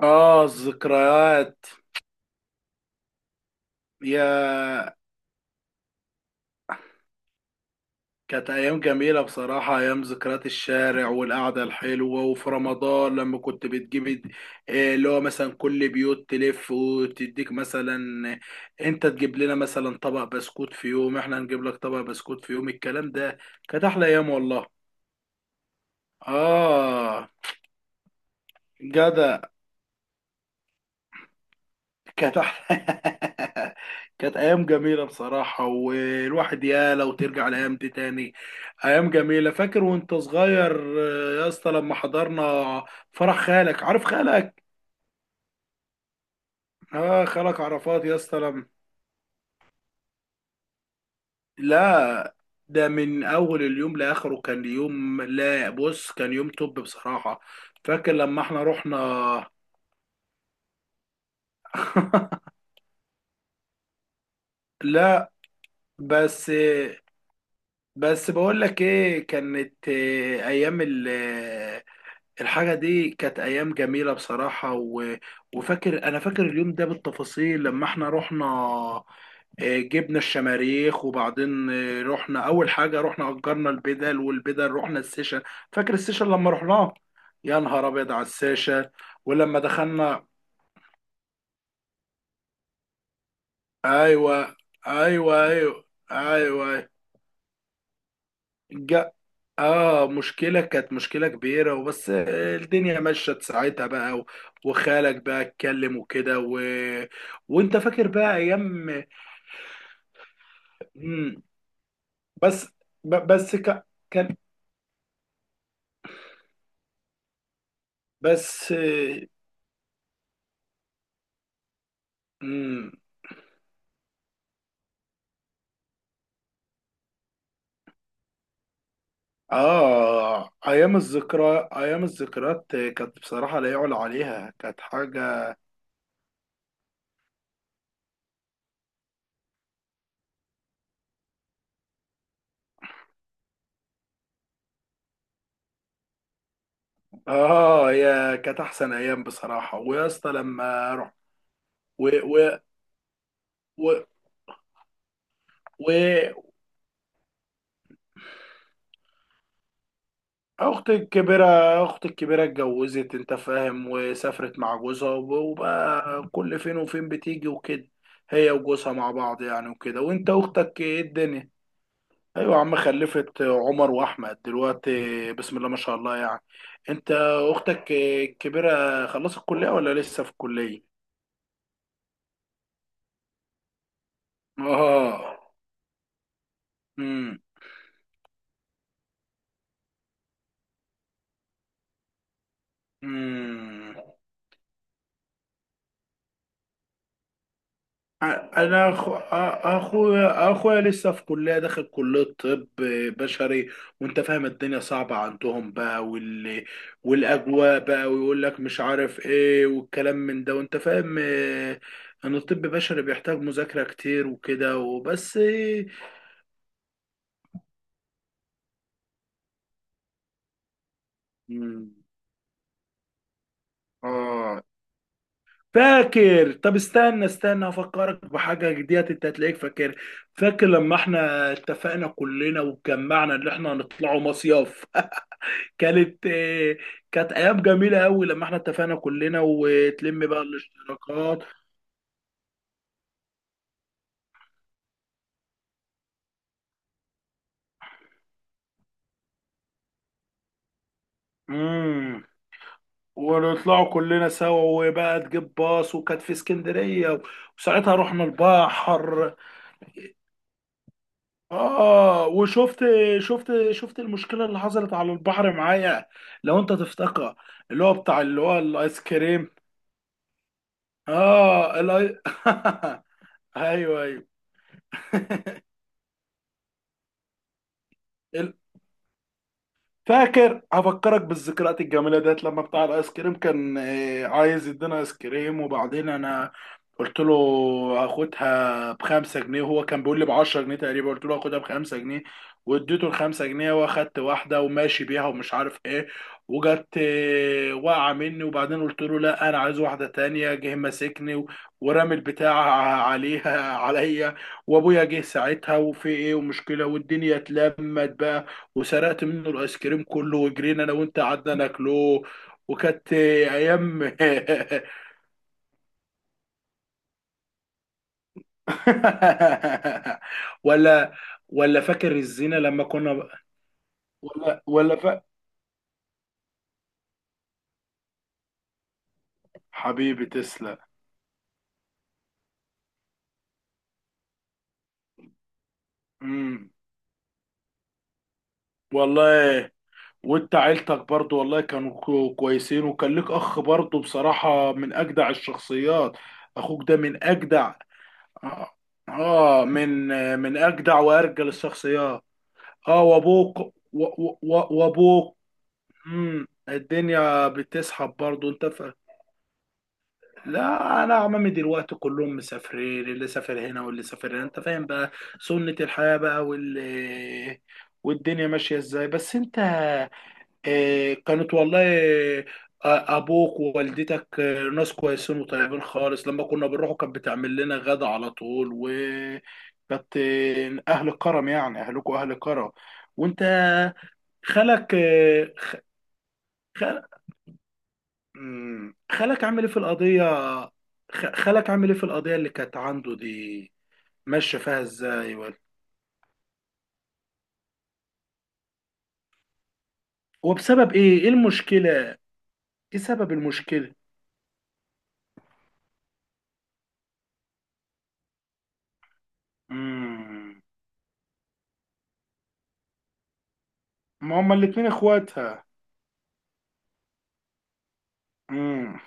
اه، الذكريات. يا كانت ايام جميله بصراحه، ايام ذكريات الشارع والقعده الحلوه، وفي رمضان لما كنت إيه اللي هو مثلا كل بيوت تلف وتديك. مثلا انت تجيب لنا مثلا طبق بسكوت في يوم، احنا نجيب لك طبق بسكوت في يوم، الكلام ده. كانت احلى ايام والله. اه. جدع. كانت واحدة. كانت أيام جميلة بصراحة، والواحد يا لو ترجع الأيام دي تاني. أيام جميلة، فاكر وأنت صغير؟ يا اسطى لما حضرنا فرح خالك، عارف خالك؟ آه، خالك عرفات يا اسطى لم... لا. ده من أول اليوم لآخره كان يوم، لا بص، كان يوم توب بصراحة. فاكر لما احنا رحنا. لا. بس بس بقول لك ايه، كانت آه، ايام ال الحاجة دي كانت أيام جميلة بصراحة و... وفاكر أنا فاكر اليوم ده بالتفاصيل لما احنا رحنا. جبنا الشماريخ، وبعدين رحنا. أول حاجة رحنا أجرنا البدل، والبدل رحنا السيشن. فاكر السيشن لما رحناه؟ يا نهار أبيض على السيشن. ولما دخلنا، أيوه، أيوه، أيوه، أيوه. اه مشكلة، كانت مشكلة كبيرة، وبس الدنيا مشت ساعتها بقى، وخالك بقى اتكلم وكده و... وانت فاكر بقى ايام. مم. بس ب- بس ك... كان بس مم. اه ايام الذكريات كانت بصراحة لا يعلى عليها، كانت حاجة. اه، هي كانت احسن ايام بصراحة. ويا اسطى لما رحت، و... و... و... و... اختي الكبيرة اختي الكبيرة اتجوزت، انت فاهم، وسافرت مع جوزها، وبقى كل فين وفين بتيجي وكده. هي وجوزها مع بعض يعني وكده. وانت اختك ايه الدنيا؟ ايوه يا عم، خلفت عمر واحمد دلوقتي، بسم الله ما شاء الله يعني. انت اختك الكبيرة خلصت الكلية ولا لسه في الكلية؟ اه. امم انا أخو... اخويا لسه في كليه، داخل كليه طب بشري. وانت فاهم الدنيا صعبه عندهم بقى والاجواء بقى، ويقول لك مش عارف ايه والكلام من ده، وانت فاهم. ان الطب البشري بيحتاج مذاكره كتير وكده. وبس إيه. مم، اه فاكر. طب استنى استنى، افكرك بحاجه جديده، انت هتلاقيك فاكر. فاكر لما احنا اتفقنا كلنا واتجمعنا ان احنا هنطلعوا مصيف؟ كانت كانت ايام جميله قوي، لما احنا اتفقنا كلنا وتلم بقى الاشتراكات. امم ونطلعوا كلنا سوا، وبقى تجيب باص، وكانت في اسكندريه، وساعتها رحنا البحر. اه وشفت، شفت المشكله اللي حصلت على البحر معايا، لو انت تفتكر، اللي هو بتاع اللي هو الايس كريم. اه الاي ايوه، ايوه. فاكر، هفكرك بالذكريات الجميله ديت، لما بتاع الايس كريم كان عايز يدينا ايس كريم. وبعدين انا قلت له هاخدها بخمسة جنيه، وهو كان بيقول لي بعشرة جنيه تقريبا، قلت له هاخدها بخمسة جنيه، واديته الخمسة جنيه، واخدت واحدة وماشي بيها ومش عارف ايه. وجت واقعة مني، وبعدين قلت له لا، انا عايز واحدة تانية، جه ماسكني ورمي البتاع عليا. وابويا جه ساعتها، وفي ايه، ومشكلة، والدنيا اتلمت بقى، وسرقت منه الايس كريم كله، وجرينا انا وانت، قعدنا ناكله. وكانت ايام. ولا ولا فاكر الزينه لما كنا، ولا ولا فا... حبيبي تسلم. امم والله. وانت عيلتك برضو والله كانوا كويسين، وكان لك اخ برضو بصراحه من اجدع الشخصيات. اخوك ده من اجدع. اه، آه، من من اجدع وارجل الشخصيات. اه، وابوك و- و- و- وابوك. الدنيا بتسحب برضه انت فاهم. لا، انا عمامي دلوقتي كلهم مسافرين، اللي سافر هنا واللي سافر هنا، انت فاهم بقى. سنة الحياة بقى والدنيا ماشية ازاي، بس انت. آه، كانت والله آه، ابوك ووالدتك ناس كويسين وطيبين خالص، لما كنا بنروحوا كانت بتعمل لنا غدا على طول، وكانت اهل كرم، يعني اهلكوا اهل كرم. وانت خالك آه، مم. خالك عامل ايه في القضية؟ خالك عامل ايه في القضية اللي كانت عنده دي؟ ماشية فيها ازاي ولا؟ وبسبب ايه، ايه المشكلة؟ ايه سبب المشكلة؟ مم. ما هما الاتنين اخواتها. مم.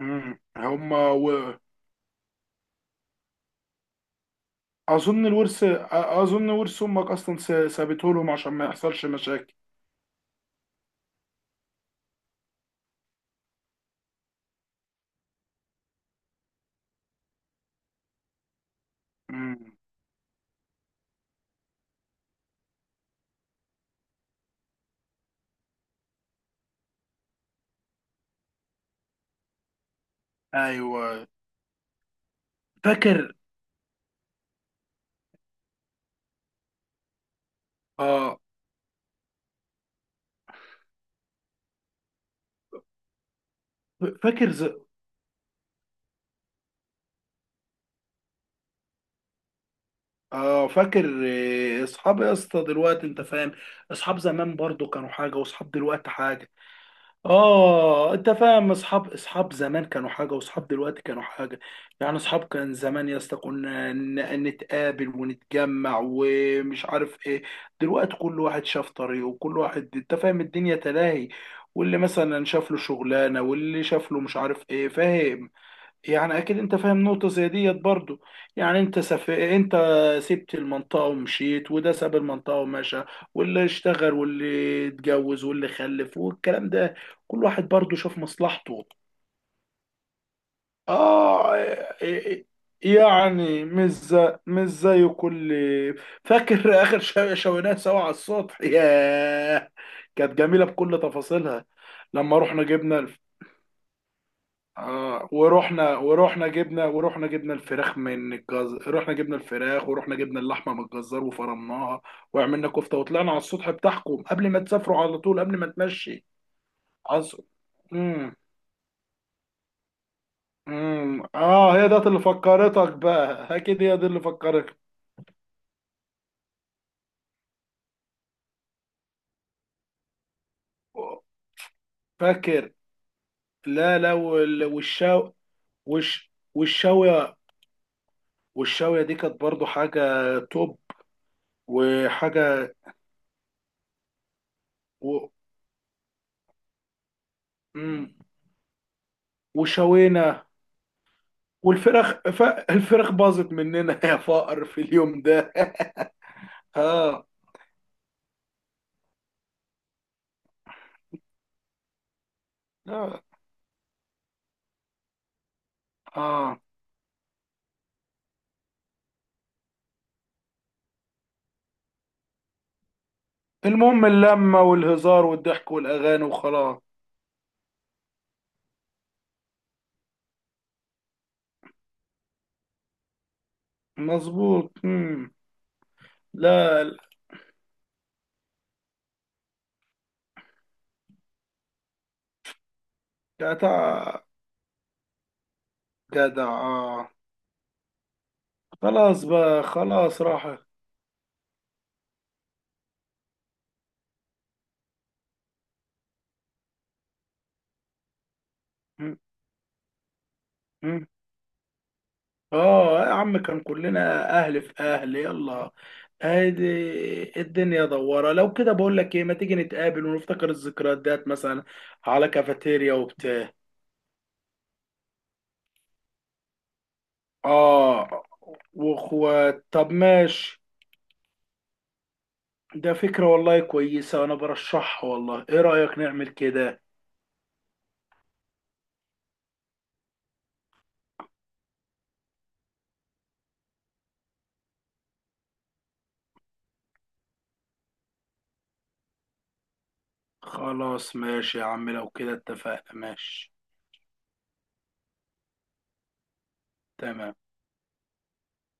مم. هما و... اظن الورث أ- اظن ورث امك اصلا سابته لهم عشان ما يحصلش مشاكل. مم. ايوه فاكر. اه فاكر. اه فاكر. اصحاب يا اسطى دلوقتي انت فاهم. اصحاب زمان برضو كانوا حاجه، واصحاب دلوقتي حاجه. اه انت فاهم، اصحاب، اصحاب زمان كانوا حاجه، واصحاب دلوقتي كانوا حاجه. يعني اصحاب كان زمان يا اسطى كنا نتقابل ونتجمع ومش عارف ايه. دلوقتي كل واحد شاف طريقه، وكل واحد انت فاهم الدنيا تلاهي، واللي مثلا شاف له شغلانه، واللي شاف له مش عارف ايه، فاهم، يعني اكيد انت فاهم نقطة زي ديت برضو. يعني انت سبت المنطقة ومشيت، وده ساب المنطقة ومشى، واللي اشتغل واللي اتجوز واللي خلف والكلام ده، كل واحد برضو شاف مصلحته. اه. إيه- يعني مش زي كل. فاكر؟ اخر شوينات سوا على السطح، ياه، كانت جميلة بكل تفاصيلها. لما رحنا جبنا، اه، ورحنا جبنا الفراخ من الجزار، رحنا جبنا الفراخ، ورحنا جبنا اللحمه من الجزار، وفرمناها وعملنا كفته، وطلعنا على السطح بتاعكم قبل ما تسافروا على طول، قبل ما تمشي. عصر. امم اه، هي ده اللي فكرتك بقى اكيد، هي دي اللي فكرتك. فاكر. لا، لا، والشاويه، والشاويه دي كانت برضو حاجه توب. وحاجه و... امم وشوينا، والفرخ ف... الفرخ باظت مننا يا فقر في اليوم ده. ها. اه. آه. المهم اللمة والهزار والضحك والأغاني وخلاص. مظبوط. مم. لا، لا. جدع، جدع، آه. خلاص بقى، خلاص راح. مم. مم. اه يا عم، كان كلنا أهل في أهل. يلا، ادي الدنيا دوارة، لو كده بقول لك ايه، ما تيجي نتقابل ونفتكر الذكريات ديت مثلا، على كافيتيريا وبتاع. آه، وأخوات. طب ماشي. ده فكرة والله كويسة، أنا برشحها والله، إيه رأيك نعمل كده؟ خلاص ماشي يا عم، لو كده اتفقنا، ماشي. تمام.